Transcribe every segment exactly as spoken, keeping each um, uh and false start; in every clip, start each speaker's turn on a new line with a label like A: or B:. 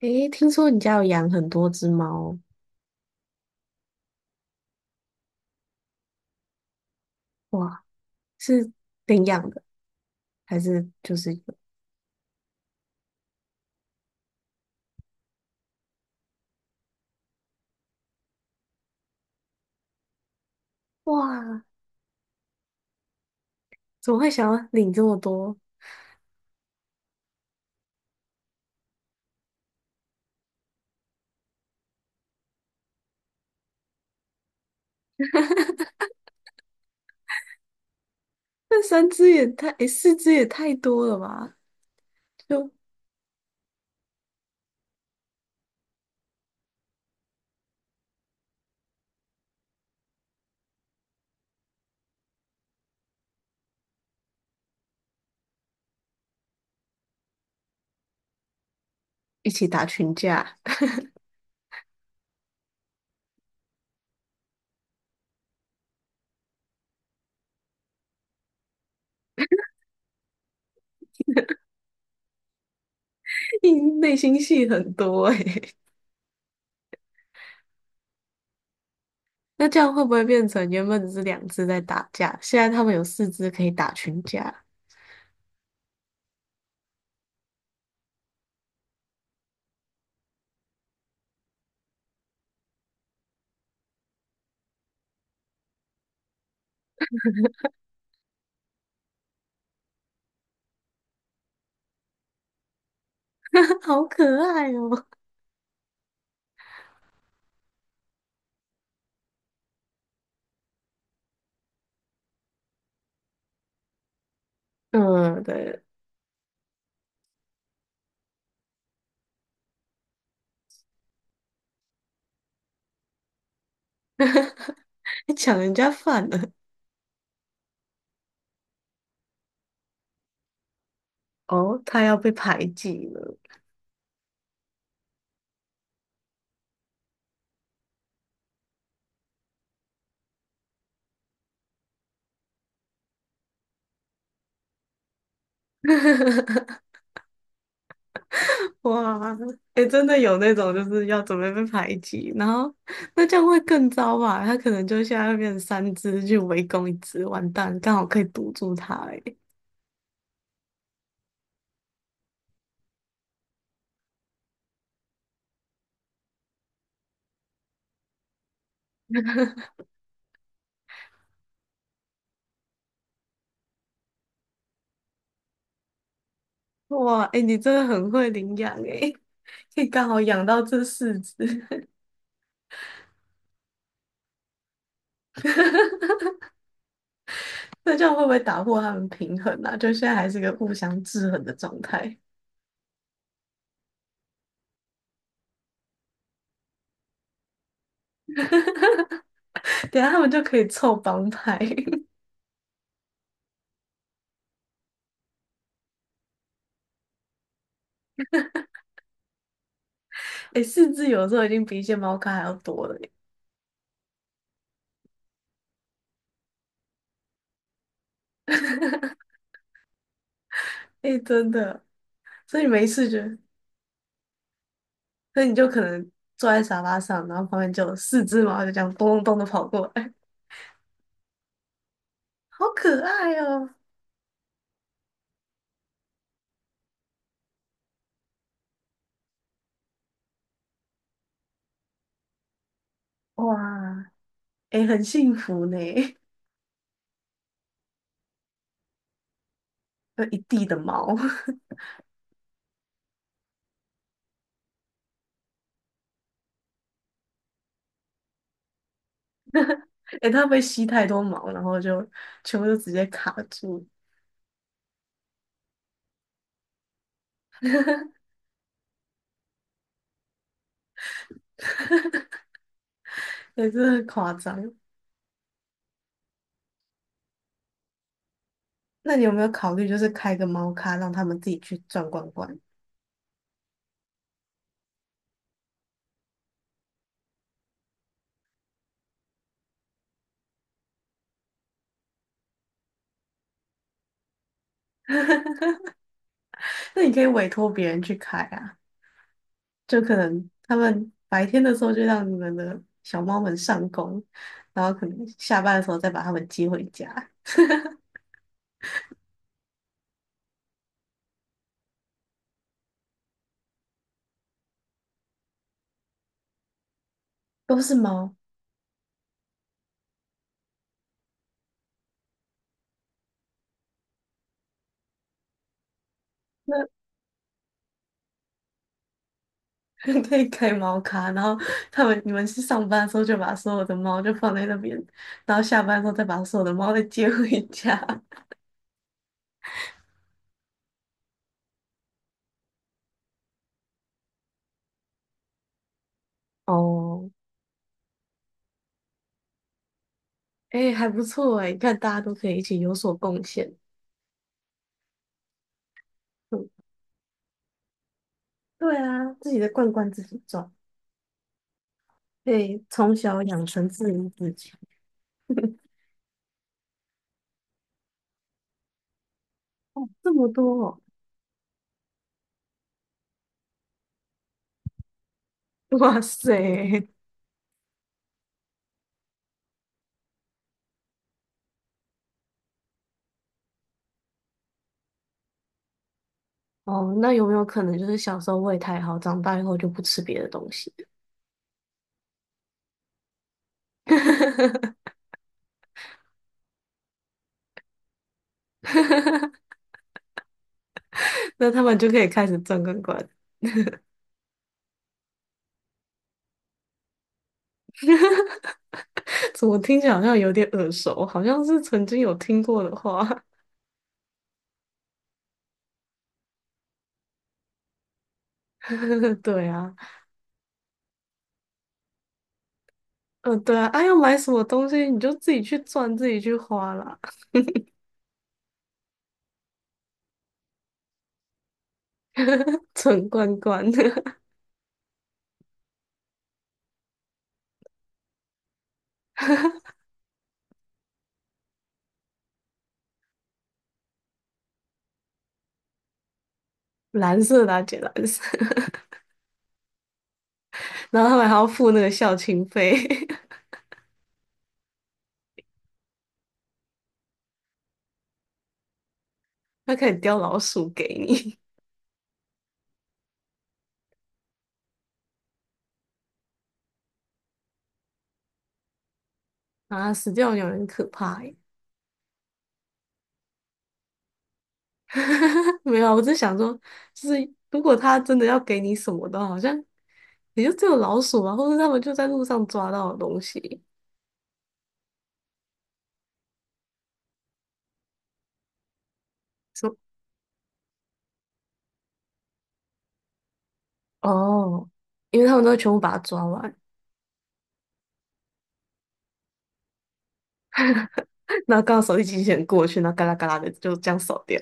A: 诶，听说你家有养很多只猫。哇，是领养的还是就是有？哇，怎么会想要领这么多？那三只也太，诶，四只也太多了吧？就一起打群架。你内心戏很多诶。那这样会不会变成原本只是两只在打架，现在他们有四只可以打群架？好可爱哦。嗯，对。还抢人家饭了。哦，他要被排挤了。哇，哎、真的有那种就是要准备被排挤，然后那这样会更糟吧？他可能就现在会变成三只去围攻一只，完蛋，刚好可以堵住它、欸。哎，哇，哎、你真的很会领养哎、可以刚好养到这四只。那这样会不会打破他们平衡啊？就现在还是个互相制衡的状态。等一下他们就可以凑帮派。哎、四只有时候已经比一些猫咖还要多了、欸。哎、真的，所以没事就。所以你就可能坐在沙发上，然后旁边就有四只猫就这样咚咚咚的跑过来。好可爱哦！哇，诶，很幸福呢。有一地的毛。诶，它会不会吸太多毛，然后就全部都直接卡住？也是很夸张。那你有没有考虑就是开个猫咖，让他们自己去转罐罐？那你可以委托别人去开啊。就可能他们白天的时候就让你们的小猫们上工，然后可能下班的时候再把它们接回家。都是猫。那 可以开猫咖，然后他们你们去上班的时候就把所有的猫就放在那边，然后下班的时候再把所有的猫再接回家。哦，哎，还不错哎，你看大家都可以一起有所贡献。嗯，对啊，自己的罐罐自己装。对，从小养成自立自强。哦，这么多哦。哇塞！哦，那有没有可能就是小时候胃太好，长大以后就不吃别的东西？那他们就可以开始正罐罐。怎么听起来好像有点耳熟，好像是曾经有听过的话。对啊。嗯、对啊，啊，要买什么东西你就自己去赚，自己去花啦。存罐罐。蓝色的、啊、姐蓝色。然后他们还要付那个校庆费。他可以叼老鼠给你。 啊，死掉鸟很可怕耶。 没有啊我只是想说，就是如果他真的要给你什么的话好像也就只有老鼠啊，或者他们就在路上抓到的东西。说哦，因为他们都会全部把它抓完。然后刚好手一机器人过去，然后嘎啦嘎啦的就这样扫掉。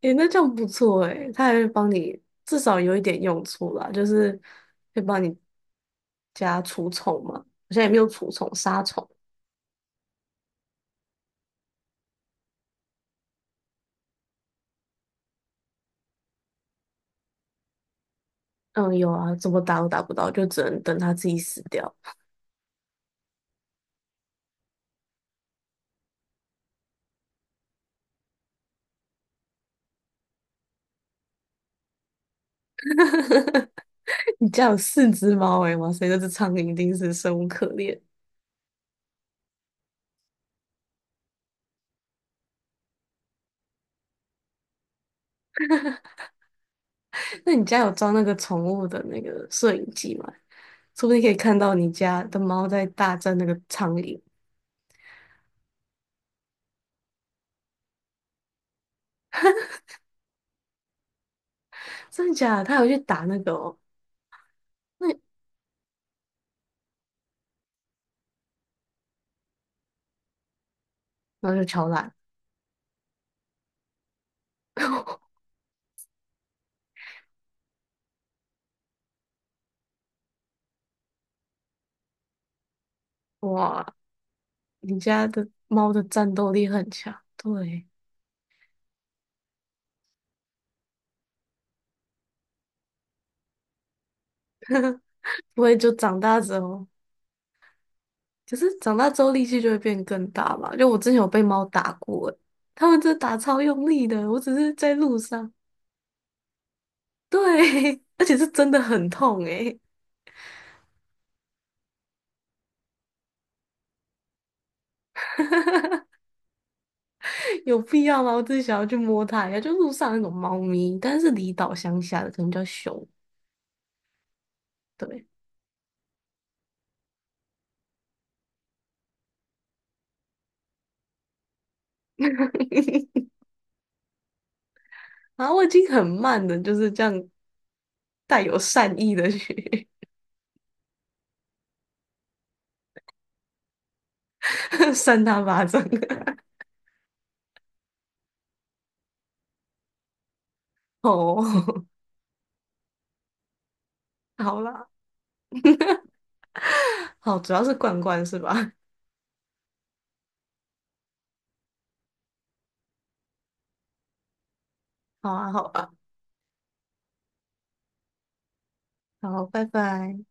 A: 诶，那这样不错诶，他还会帮你至少有一点用处啦，就是会帮你加除虫嘛。我现在也没有除虫杀虫。嗯，有啊，怎么打都打不到，就只能等它自己死掉。你家有四只猫诶，哇塞，那只苍蝇一定是生无可恋。那你家有装那个宠物的那个摄影机吗？说不定可以看到你家的猫在大战那个苍蝇。真的假的？它有去打那个哦，那然后就敲烂。哇，你家的猫的战斗力很强。对，不会就长大之后，可是长大之后力气就会变更大嘛？就我之前有被猫打过诶，它们真的打超用力的，我只是在路上。对。而且是真的很痛诶。有必要吗？我只是想要去摸它一下，就路上那种猫咪，但是离岛乡下的可能叫熊。对。然后我已经很慢的，就是这样带有善意的去 扇它巴掌。哦。好啦。好，主要是罐罐是吧？好啊，好啊。好，拜拜。